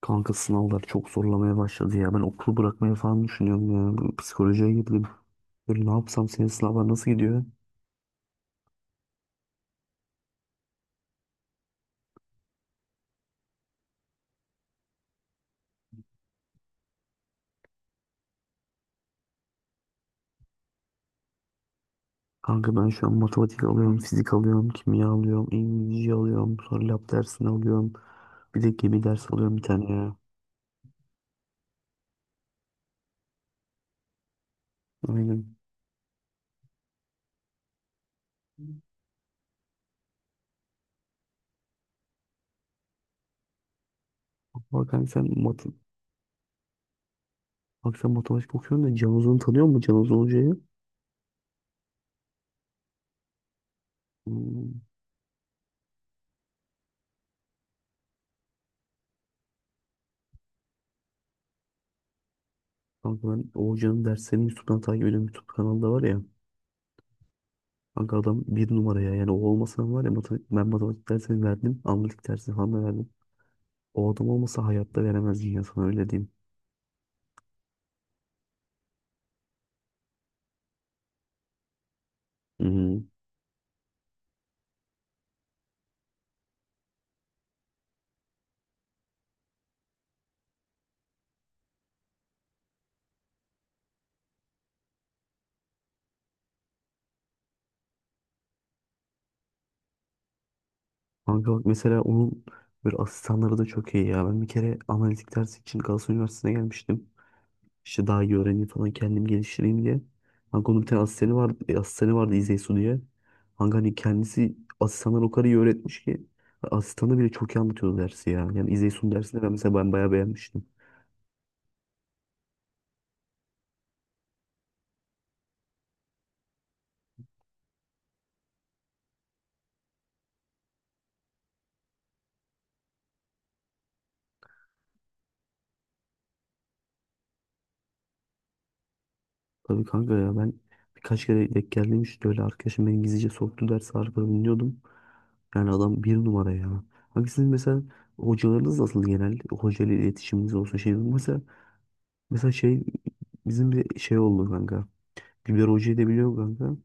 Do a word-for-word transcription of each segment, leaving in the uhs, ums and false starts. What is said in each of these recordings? Kanka sınavlar çok zorlamaya başladı ya. Ben okulu bırakmayı falan düşünüyorum ya. Bu Psikolojiye girdim. Böyle ne yapsam, senin sınavlar nasıl gidiyor? Kanka ben şu an matematik alıyorum, fizik alıyorum, kimya alıyorum, İngilizce alıyorum, sonra lab dersini alıyorum. Bir de gemi dersi alıyorum bir tane ya. Aynen. Bak kanka sen, mat Bak sen matematik okuyorsun da, Can Uzun'u tanıyor musun, Can Uzun Hoca'yı? Hmm. Kanka ben Oğuzcan'ın derslerini YouTube'dan takip ediyorum. YouTube kanalda var ya. Kanka adam bir numara ya. Yani o olmasa var ya, matematik, ben matematik dersini verdim. Analitik dersini falan da verdim. O adam olmasa hayatta veremezdin ya, sana öyle diyeyim. Hı. Kanka bak, mesela onun böyle asistanları da çok iyi ya. Ben bir kere analitik dersi için Galatasaray Üniversitesi'ne gelmiştim. İşte daha iyi öğreneyim falan, kendim geliştireyim diye. Kanka onun bir tane asistanı vardı, e, asistanı vardı İzeysu diye. Kanka hani kendisi asistanlar o kadar iyi öğretmiş ki, asistanı bile çok iyi anlatıyordu dersi ya. Yani İzeysu'nun dersini ben mesela ben bayağı beğenmiştim. Tabii kanka ya, ben birkaç kere denk geldim. İşte öyle, arkadaşım beni gizlice soktu, dersi arkada dinliyordum. Yani adam bir numara ya. Kanka sizin mesela hocalarınız nasıl genel? Hoca ile iletişiminiz olsun şey. Mesela, mesela şey bizim bir şey oldu kanka. Güler Hoca'yı da biliyor musun kanka.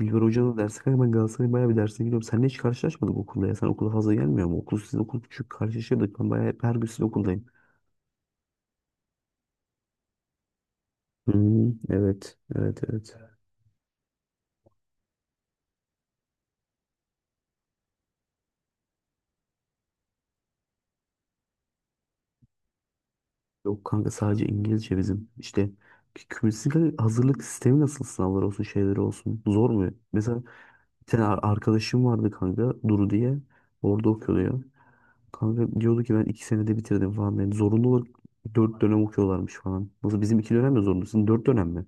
Bilber Hoca'nın dersi kanka, ben Galatasaray'ın bayağı bir dersine gidiyorum. Seninle hiç karşılaşmadık okulda ya. Sen okula fazla gelmiyor mu? Okul sizin okul küçük karşılaşıyorduk. Ben bayağı hep her gün sizin okuldayım. Hmm, evet, evet, evet. Yok kanka, sadece İngilizce bizim. İşte kü- kümülatif hazırlık sistemi nasıl, sınavlar olsun şeyleri olsun. Zor mu? Mesela bir tane ar- arkadaşım vardı kanka, Duru diye. Orada okuyordu ya. Kanka diyordu ki, ben iki senede bitirdim falan. Yani zorunlu olarak dört dönem okuyorlarmış falan. Nasıl, bizim iki dönem de zorunlu. Sizin dört dönem mi?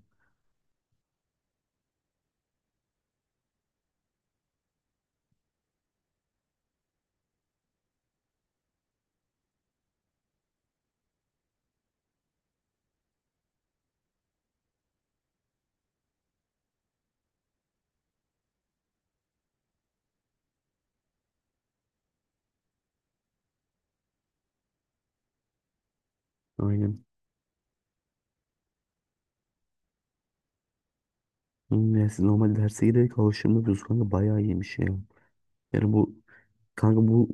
Aynen. Hmm, yani siz normal derse giderek alıştırmıyoruz kanka, bayağı iyiymiş ya. Yani bu kanka bu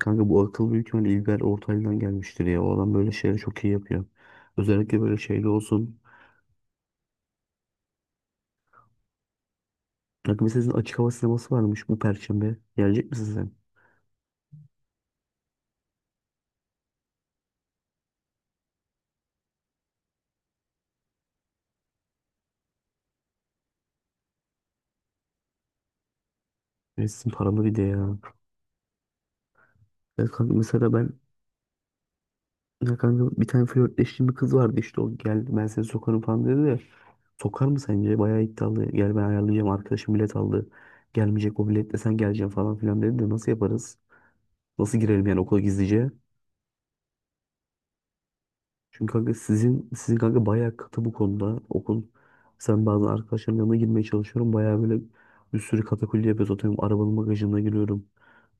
kanka bu akıl büyük ihtimalle İlber Ortaylı'dan gelmiştir ya. O adam böyle şeyleri çok iyi yapıyor. Özellikle böyle şeyde olsun. Kanka mesela sizin açık hava sineması varmış bu perşembe. Gelecek misin sen? Evet sizin paralı bir de ya. Ya kanka mesela ben ya kanka bir tane flörtleştiğim bir kız vardı. İşte o geldi, ben seni sokarım falan dedi de. Sokar mı sence? Bayağı iddialı. Gel, ben ayarlayacağım, arkadaşım bilet aldı. Gelmeyecek, o biletle sen geleceksin falan filan dedi de, nasıl yaparız? Nasıl girelim yani okula gizlice? Çünkü kanka sizin sizin kanka bayağı katı bu konuda. Okul, sen bazen arkadaşlarımın yanına girmeye çalışıyorum. Bayağı böyle bir sürü katakulli yapıyoruz. Atıyorum arabanın bagajına giriyorum.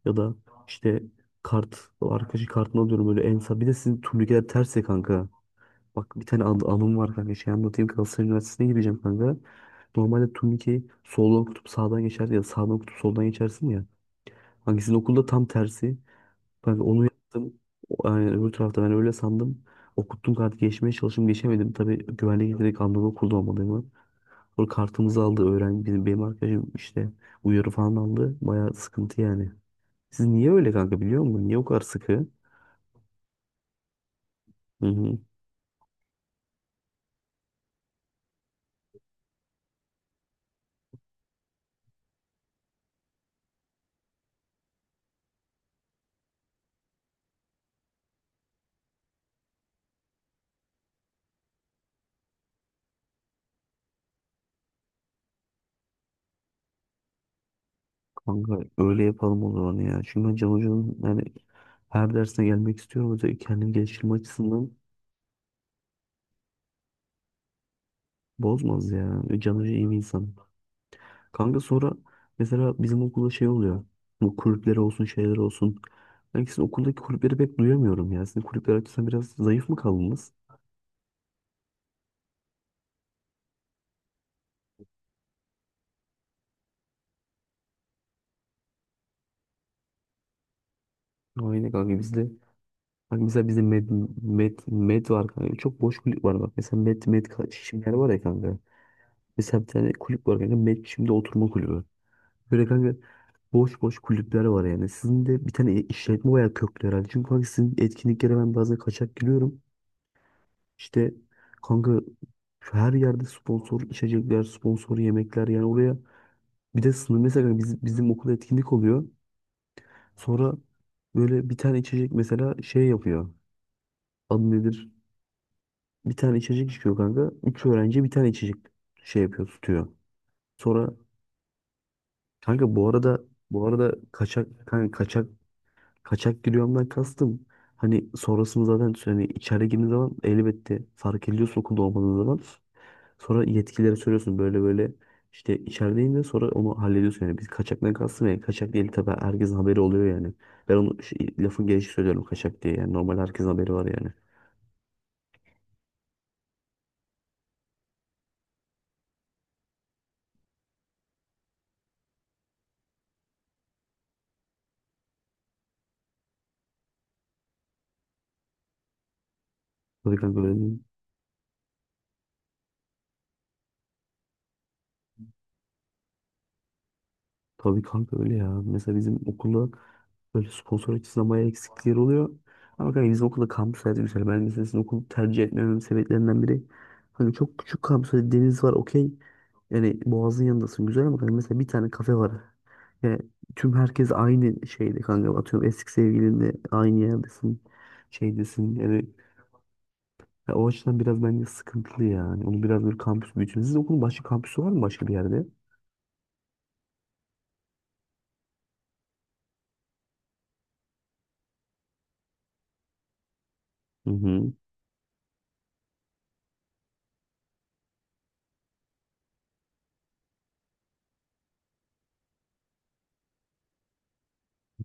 Ya da işte kart, o arkadaşı kartını alıyorum böyle en sağ. Bir de sizin turnikeler ters ya kanka. Bak bir tane an anım var kanka. Şey anlatayım. Galatasaray Üniversitesi'ne gireceğim kanka. Normalde turnikeyi soldan okutup sağdan geçerdi ya da sağdan okutup soldan geçersin ya. Hangisinin okulda tam tersi. Ben onu yaptım. O- Yani öbür tarafta, ben öyle sandım. Okuttum kartı, geçmeye çalıştım, geçemedim. Tabii güvenlik direkt anladı okulda olmadığımı. Sonra kartımızı aldı öğrenci. Benim, benim arkadaşım işte uyarı falan aldı. Bayağı sıkıntı yani. Siz niye öyle kanka, biliyor musun? Niye o kadar sıkı? Hı hı. Kanka öyle yapalım o zaman ya. Çünkü ben Can Hoca'nın yani her dersine gelmek istiyorum. Özellikle kendimi geliştirme açısından bozmaz ya. Can Hoca iyi bir insan. Kanka sonra mesela bizim okulda şey oluyor. Bu kulüpleri olsun, şeyler olsun. Ben sizin okuldaki kulüpleri pek duyamıyorum ya. Sizin kulüpler açısından biraz zayıf mı kaldınız? Aynen kanka bizde. Bak mesela bizde med, med, med var kanka. Çok boş kulüp var bak. Mesela med, med ka- şimdiler var ya kanka. Mesela bir tane kulüp var kanka. Med şimdi oturma kulübü. Böyle kanka boş boş kulüpler var yani. Sizin de bir tane işletme bayağı köklü herhalde. Çünkü kanka sizin etkinliklere ben bazen kaçak giriyorum. İşte kanka şu, her yerde sponsor içecekler, sponsor yemekler yani oraya. Bir de sınır, mesela biz, bizim okulda etkinlik oluyor. Sonra böyle bir tane içecek mesela şey yapıyor. Adı nedir? Bir tane içecek içiyor kanka. Üç öğrenci bir tane içecek şey yapıyor, tutuyor. Sonra kanka bu arada bu arada kaçak kanka kaçak kaçak giriyorumdan kastım. Hani sonrasını, zaten hani içeri girdiğin zaman elbette fark ediyorsun okulda olmadığın zaman. Sonra yetkililere söylüyorsun böyle böyle, işte içerideyim de, sonra onu hallediyorsun yani. Biz kaçaktan kastım yani, kaçak değil tabii, herkesin haberi oluyor yani. Ben onu şey, lafın gelişi söylüyorum kaçak diye, yani normal herkesin haberi var yani. Tabii kanka öyle değil. Tabii kanka öyle ya. Mesela bizim okulda böyle sponsor açısından bayağı eksiklikler oluyor. Ama kanka bizim okulda kampüs hayatı güzel. Ben mesela sizin okulu tercih etmememin sebeplerinden biri. Hani çok küçük kampüs hani, deniz var okey. Yani Boğaz'ın yanındasın güzel ama kanka mesela bir tane kafe var. Yani tüm herkes aynı şeyde kanka. Atıyorum eski sevgilinle aynı yerdesin. Şeydesin yani. Ya o açıdan biraz bence sıkıntılı yani. Onu biraz böyle kampüs büyütün. Sizin okulun başka kampüsü var mı başka bir yerde? Hı hı.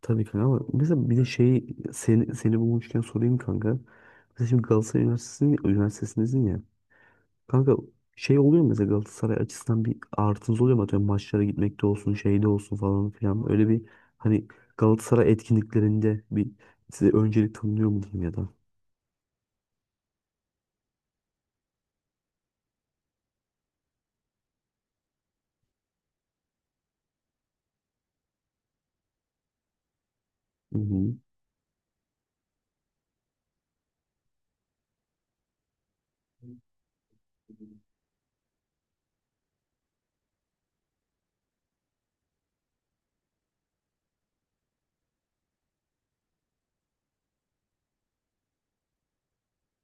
Tabii kanka, ama mesela bir de şey, seni, seni bulmuşken sorayım kanka. Mesela şimdi Galatasaray Üniversitesi, Üniversitesindesin ya. Kanka şey oluyor mu mesela, Galatasaray açısından bir artınız oluyor mu? Atıyorum maçlara gitmekte olsun, şeyde olsun falan filan. Öyle bir, hani Galatasaray etkinliklerinde bir size öncelik tanınıyor mu diyeyim ya da. Hı hı.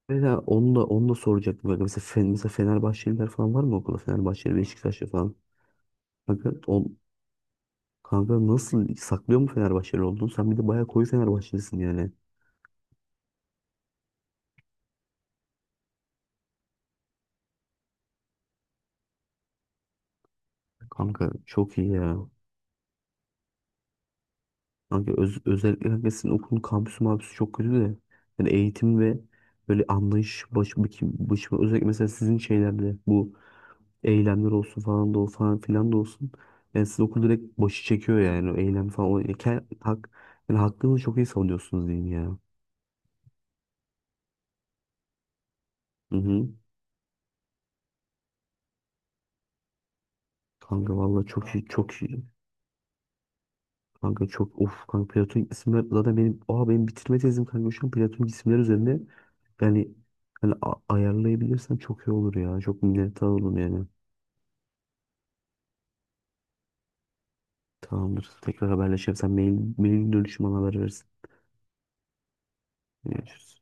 Mesela onu da onu da soracaktım. Kanka. Mesela, Fen- mesela Fenerbahçeliler falan var mı okulda? Fenerbahçeli, Beşiktaşlı falan. Kanka, on, kanka nasıl saklıyor mu Fenerbahçeli olduğunu? Sen bir de bayağı koyu Fenerbahçelisin yani. Kanka çok iyi ya. Kanka öz, özellikle kanka sizin okulun kampüsü mabüsü çok kötü de. Yani eğitim ve böyle anlayış, baş, baş, baş, özellikle mesela sizin şeylerde bu eylemler olsun falan da, o falan filan da olsun. Yani siz okul direkt başı çekiyor yani o eylem falan. O, yani, ke- hak, yani hakkınızı çok iyi savunuyorsunuz diyeyim ya. Hı hı. Kanka valla, çok iyi, çok iyi. Kanka çok of kanka, platonik isimler zaten benim, oha, benim bitirme tezim kanka şu an platonik isimler üzerinde. Yani hani a- ayarlayabilirsem çok iyi olur ya. Çok minnettar olurum yani. Tamamdır. Tekrar haberleşelim. Sen mail, mailin dönüşüm bana haber verirsin. Görüşürüz.